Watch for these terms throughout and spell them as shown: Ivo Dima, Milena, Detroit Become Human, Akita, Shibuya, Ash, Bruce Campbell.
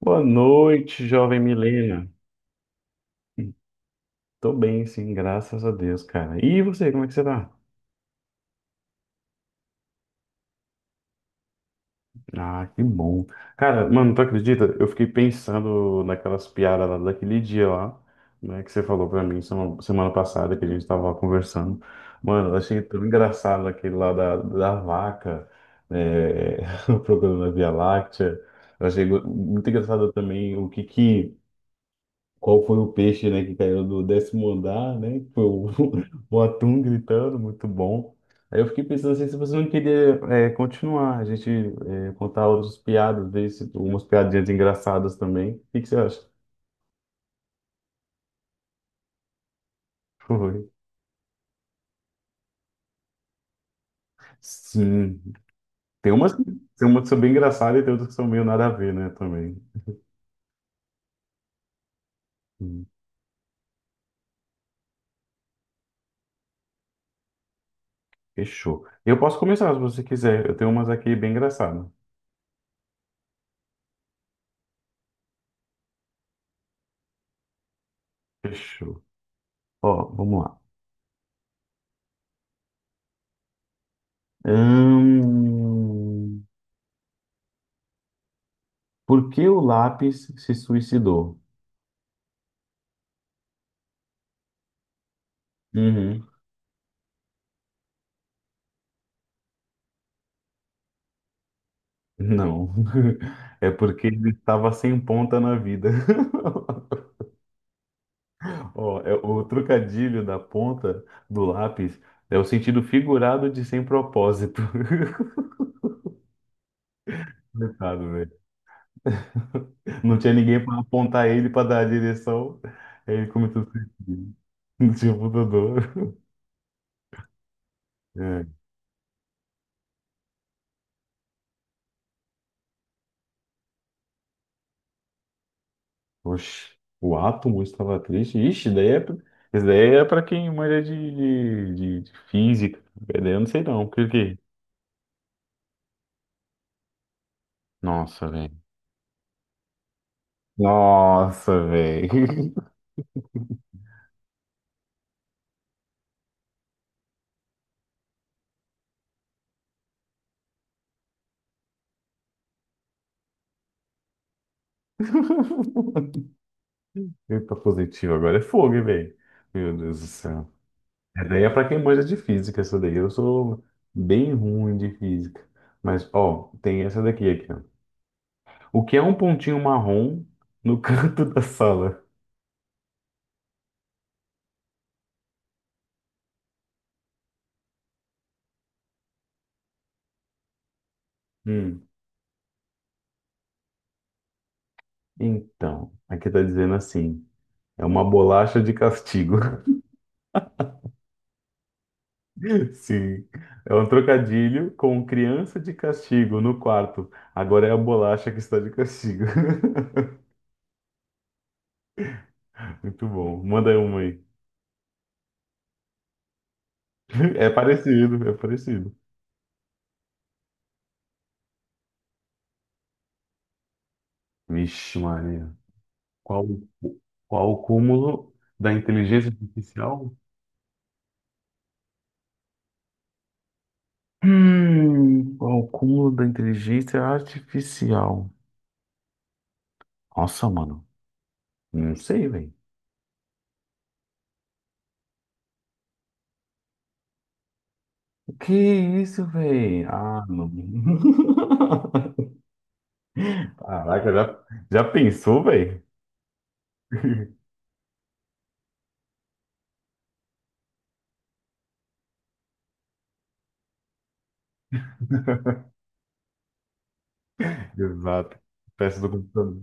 Boa noite, jovem Milena. Tô bem, sim, graças a Deus, cara. E você, como é que você tá? Ah, que bom. Cara, mano, tu acredita? Eu fiquei pensando naquelas piadas lá daquele dia lá, né, que você falou pra mim semana passada que a gente tava conversando. Mano, eu achei tão engraçado aquele lá da vaca, é, procurando a Via Láctea. Eu achei muito engraçado também o que que qual foi o peixe, né, que caiu do décimo andar, né? Foi o, o atum gritando, muito bom. Aí eu fiquei pensando assim, se você não queria continuar, a gente contar outras piadas, ver se, umas piadinhas engraçadas também. O que que você acha? Foi. Sim. Tem umas, que- tem umas que são bem engraçadas e tem outras que são meio nada a ver, né, também. Hum. Fechou. Eu posso começar se você quiser. Eu tenho umas aqui bem engraçadas. Fechou. Ó, vamos lá. Hum, Por que o lápis se suicidou? Uhum. Não. É porque ele estava sem ponta na vida. Ó, é, o trocadilho da ponta do lápis é o sentido figurado de sem propósito. Coitado, velho. Não tinha ninguém para apontar ele para dar a direção. Aí ele começou a suicidar. Não tinha apontador. É. Oxe, o átomo estava triste. Ixi, daí esse daí é para quem manja de física. Esse daí eu não sei não. Por quê? Nossa, velho. Nossa, velho. Eita, positivo. Agora é fogo, hein, velho. Meu Deus do céu. Essa daí é pra quem manja de física, essa daí. Eu sou bem ruim de física. Mas, ó, tem essa daqui aqui, ó. O que é um pontinho marrom no canto da sala? Hum. Então, aqui tá dizendo assim. É uma bolacha de castigo. Sim. É um trocadilho com criança de castigo no quarto. Agora é a bolacha que está de castigo. Muito bom. Manda aí uma aí. É parecido, é parecido. Vixe, Maria. Qual, qual o cúmulo da inteligência artificial? Qual o cúmulo da inteligência artificial? Nossa, mano. Não sei, velho. Que é isso, velho? Ah, não. Caraca, já pensou, velho? Exato. Peça do computador.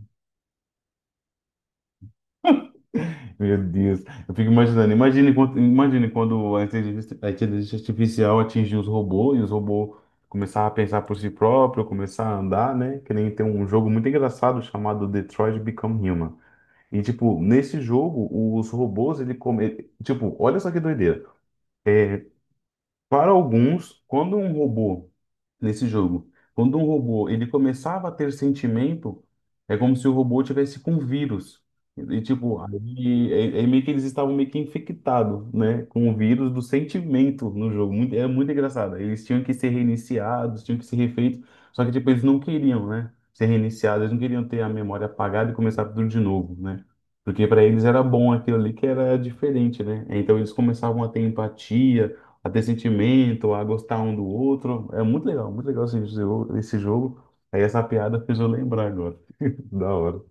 Meu Deus. Eu fico imaginando. Imagine quando a inteligência artificial atingiu os robôs e os robôs começaram a pensar por si próprio, começar a andar, né? Que nem tem um jogo muito engraçado chamado Detroit Become Human. E, tipo, nesse jogo, os robôs, ele come... ele- tipo, olha só que doideira. Para alguns, quando um robô nesse jogo. Quando um robô ele começava a ter sentimento, é como se o robô tivesse com vírus. E tipo, aí, é meio que eles estavam meio que infectados, né, com o vírus do sentimento no jogo. É muito engraçado. Eles tinham que ser reiniciados, tinham que ser refeitos. Só que tipo, eles não queriam, né, ser reiniciados. Eles não queriam ter a memória apagada e começar tudo de novo, né? Porque para eles era bom aquilo ali que era diferente, né? Então eles começavam a ter empatia, a ter sentimento, a gostar um do outro. É muito legal esse jogo. Esse jogo. Aí essa piada fez eu lembrar agora. Da hora.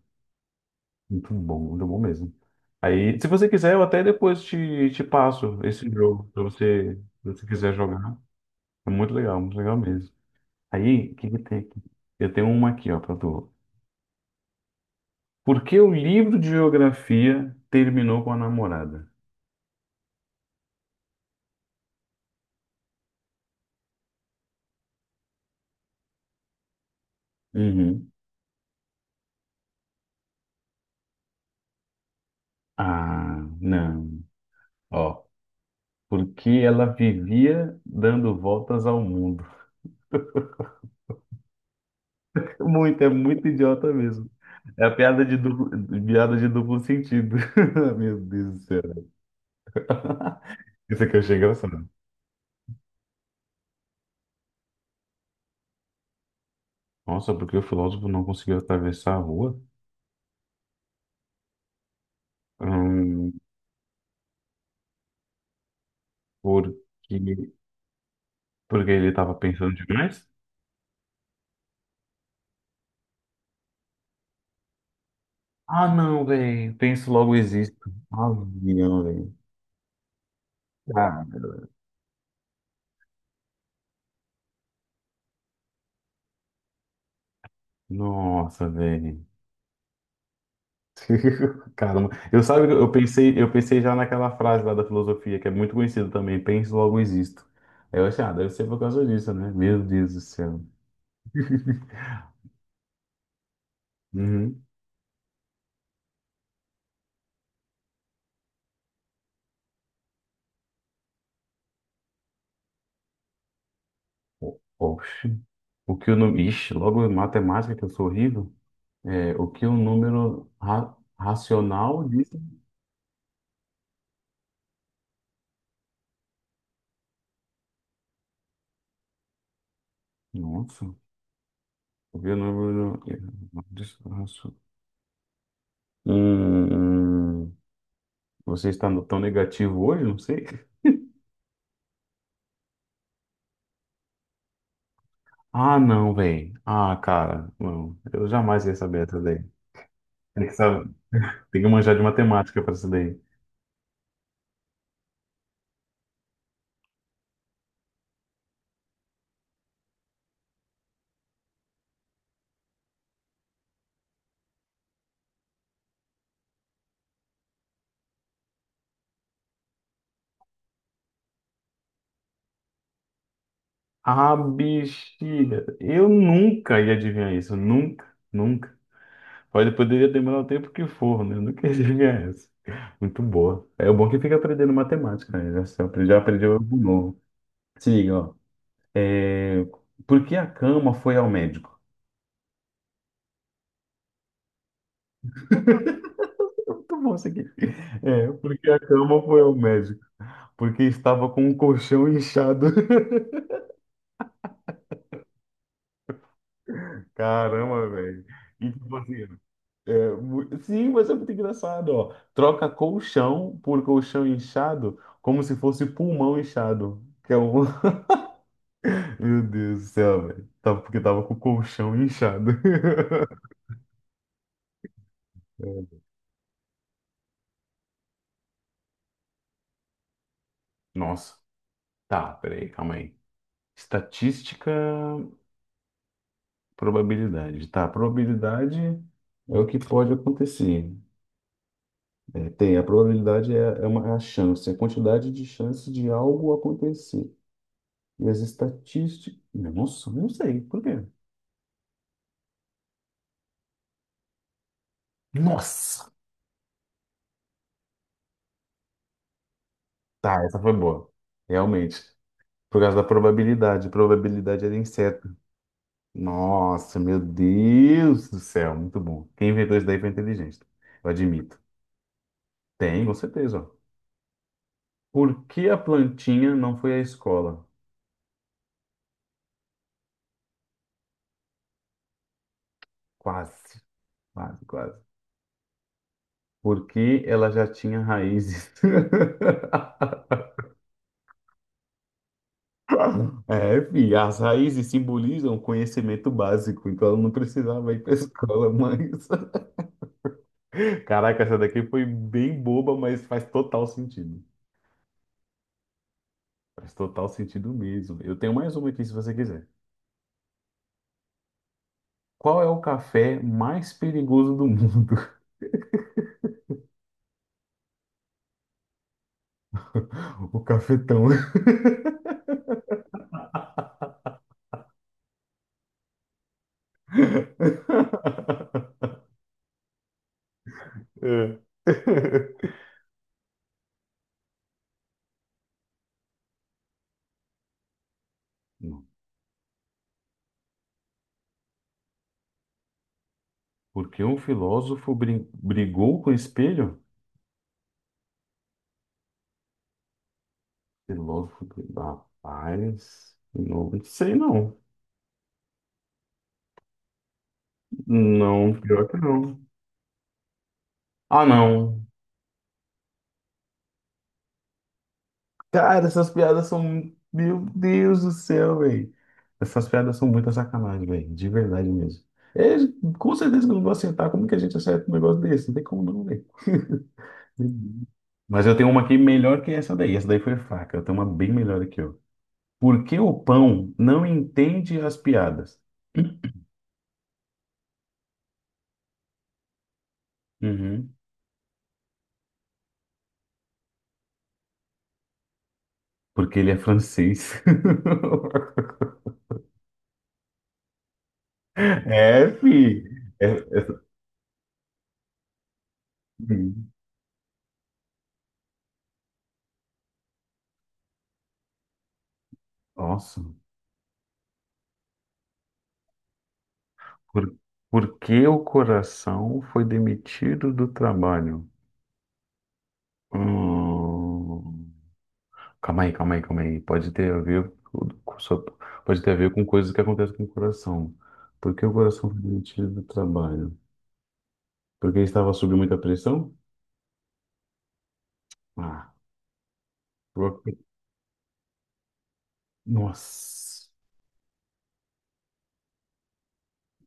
Muito bom mesmo. Aí, se você quiser, eu até depois te passo esse jogo, se você, se você quiser jogar. É muito legal mesmo. Aí, o que que tem aqui? Eu tenho uma aqui, ó, pra tu. Por que o livro de geografia terminou com a namorada? Uhum. Ah, não. Ó, porque ela vivia dando voltas ao mundo. É muito idiota mesmo. É a piada de duplo sentido. Meu Deus do céu. Isso aqui eu achei engraçado. Nossa, porque o filósofo não conseguiu atravessar a rua? Hum, porque, porque ele estava pensando demais? Ah, não, velho. Penso logo existo. Avião, velho. Cara, nossa, velho. Caramba, eu sabe, eu pensei já naquela frase lá da filosofia, que é muito conhecida também, penso, logo existo. Aí eu achei, ah, deve ser por causa disso, né? Meu Deus do céu. Uhum. O- Oxe. O que o número. Ixi, logo em matemática, que eu sou horrível. É, o que o número racional diz. Nossa. O que o número. Hum, você está tão negativo hoje? Não sei. Ah, não, velho. Ah, cara, não. Eu jamais ia saber essa daí. Tem que saber, tem que manjar de matemática pra essa daí. Ah, bexiga. Eu nunca ia adivinhar isso. Nunca, nunca. Pode, poderia demorar o tempo que for, né? Eu nunca ia adivinhar isso. Muito boa. É o bom é que fica aprendendo matemática, né? Já aprendi algo novo. Se liga, ó. É, por que a cama foi ao médico? Muito bom isso aqui. É, por que a cama foi ao médico? Porque estava com o colchão inchado. Caramba, velho. E tipo assim, sim, mas é muito engraçado, ó. Troca colchão por colchão inchado, como se fosse pulmão inchado. Que é um... Meu Deus do céu, velho. Porque tava com o colchão inchado. É. Nossa. Tá, peraí, calma aí. Estatística, probabilidade. Tá, probabilidade é o que pode acontecer. A probabilidade é é a chance, a quantidade de chance de algo acontecer. E as estatísticas. Nossa, não sei. Por quê? Nossa! Tá, essa foi boa. Realmente. Por causa da probabilidade. Probabilidade era inseto. Nossa, meu Deus do céu. Muito bom. Quem inventou isso daí foi inteligente. Eu admito. Tem, com certeza. Ó. Por que a plantinha não foi à escola? Quase, quase. Porque ela já tinha raízes. É, filho, as raízes simbolizam o conhecimento básico, então ela não precisava ir para escola, mas. Caraca, essa daqui foi bem boba, mas faz total sentido. Faz total sentido mesmo. Eu tenho mais uma aqui se você quiser. Qual é o café mais perigoso do mundo? O cafetão. É. Não. Porque um filósofo brigou com o espelho? Filósofo, rapaz, não sei não. Não, pior que não. Ah, não. Cara, essas piadas Meu Deus do céu, velho. Essas piadas são muita sacanagem, velho. De verdade mesmo. É, com certeza que eu não vou aceitar. Como que a gente acerta um negócio desse? Não tem como não, velho. Mas eu tenho uma aqui melhor que essa daí. Essa daí foi fraca. Eu tenho uma bem melhor aqui, ó. Por que o pão não entende as piadas? Uhum. Porque ele é francês. É, fi. É- é- hum, Nossa. Por, por que o coração foi demitido do trabalho? Hum, calma aí. Pode ter a ver pode ter a ver com coisas que acontecem com o coração. Por que o coração foi demitido do trabalho? Porque estava sob muita pressão? Ah, por- nossa.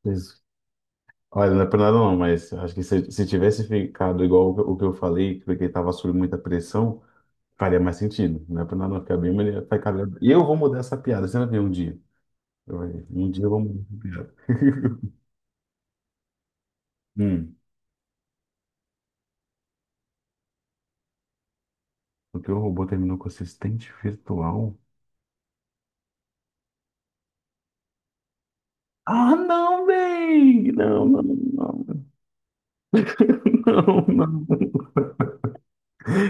Isso- Olha, não é por nada não, mas acho que se tivesse ficado igual o que eu falei, porque estava sob muita pressão, faria mais sentido. Não é por nada não ficar bem, mas ele vai ficar. E eu vou mudar essa piada, você vai ver um dia. Um dia vamos recuperar. Hum, o teu robô terminou com assistente virtual? Ah, não, véi! Não, não, não, não, não.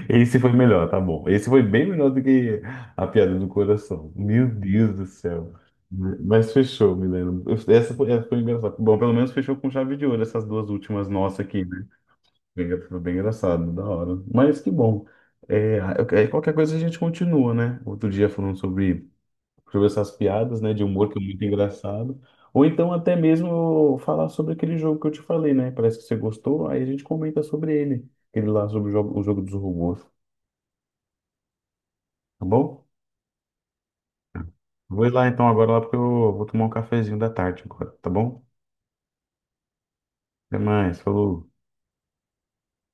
Esse foi melhor, tá bom. Esse foi bem melhor do que a piada do coração. Meu Deus do céu. Mas fechou, Milena. Essa foi engraçada. Bom, pelo menos fechou com chave de ouro essas duas últimas nossas aqui, né? Bem, foi bem engraçado, da hora. Mas que bom. É, qualquer coisa a gente continua, né? Outro dia falando sobre essas piadas, né, de humor que é muito engraçado. Ou então até mesmo falar sobre aquele jogo que eu te falei, né? Parece que você gostou, aí a gente comenta sobre ele, aquele lá sobre o jogo dos robôs, tá bom? Vou ir lá então agora lá porque eu vou tomar um cafezinho da tarde agora, tá bom? Até mais, falou.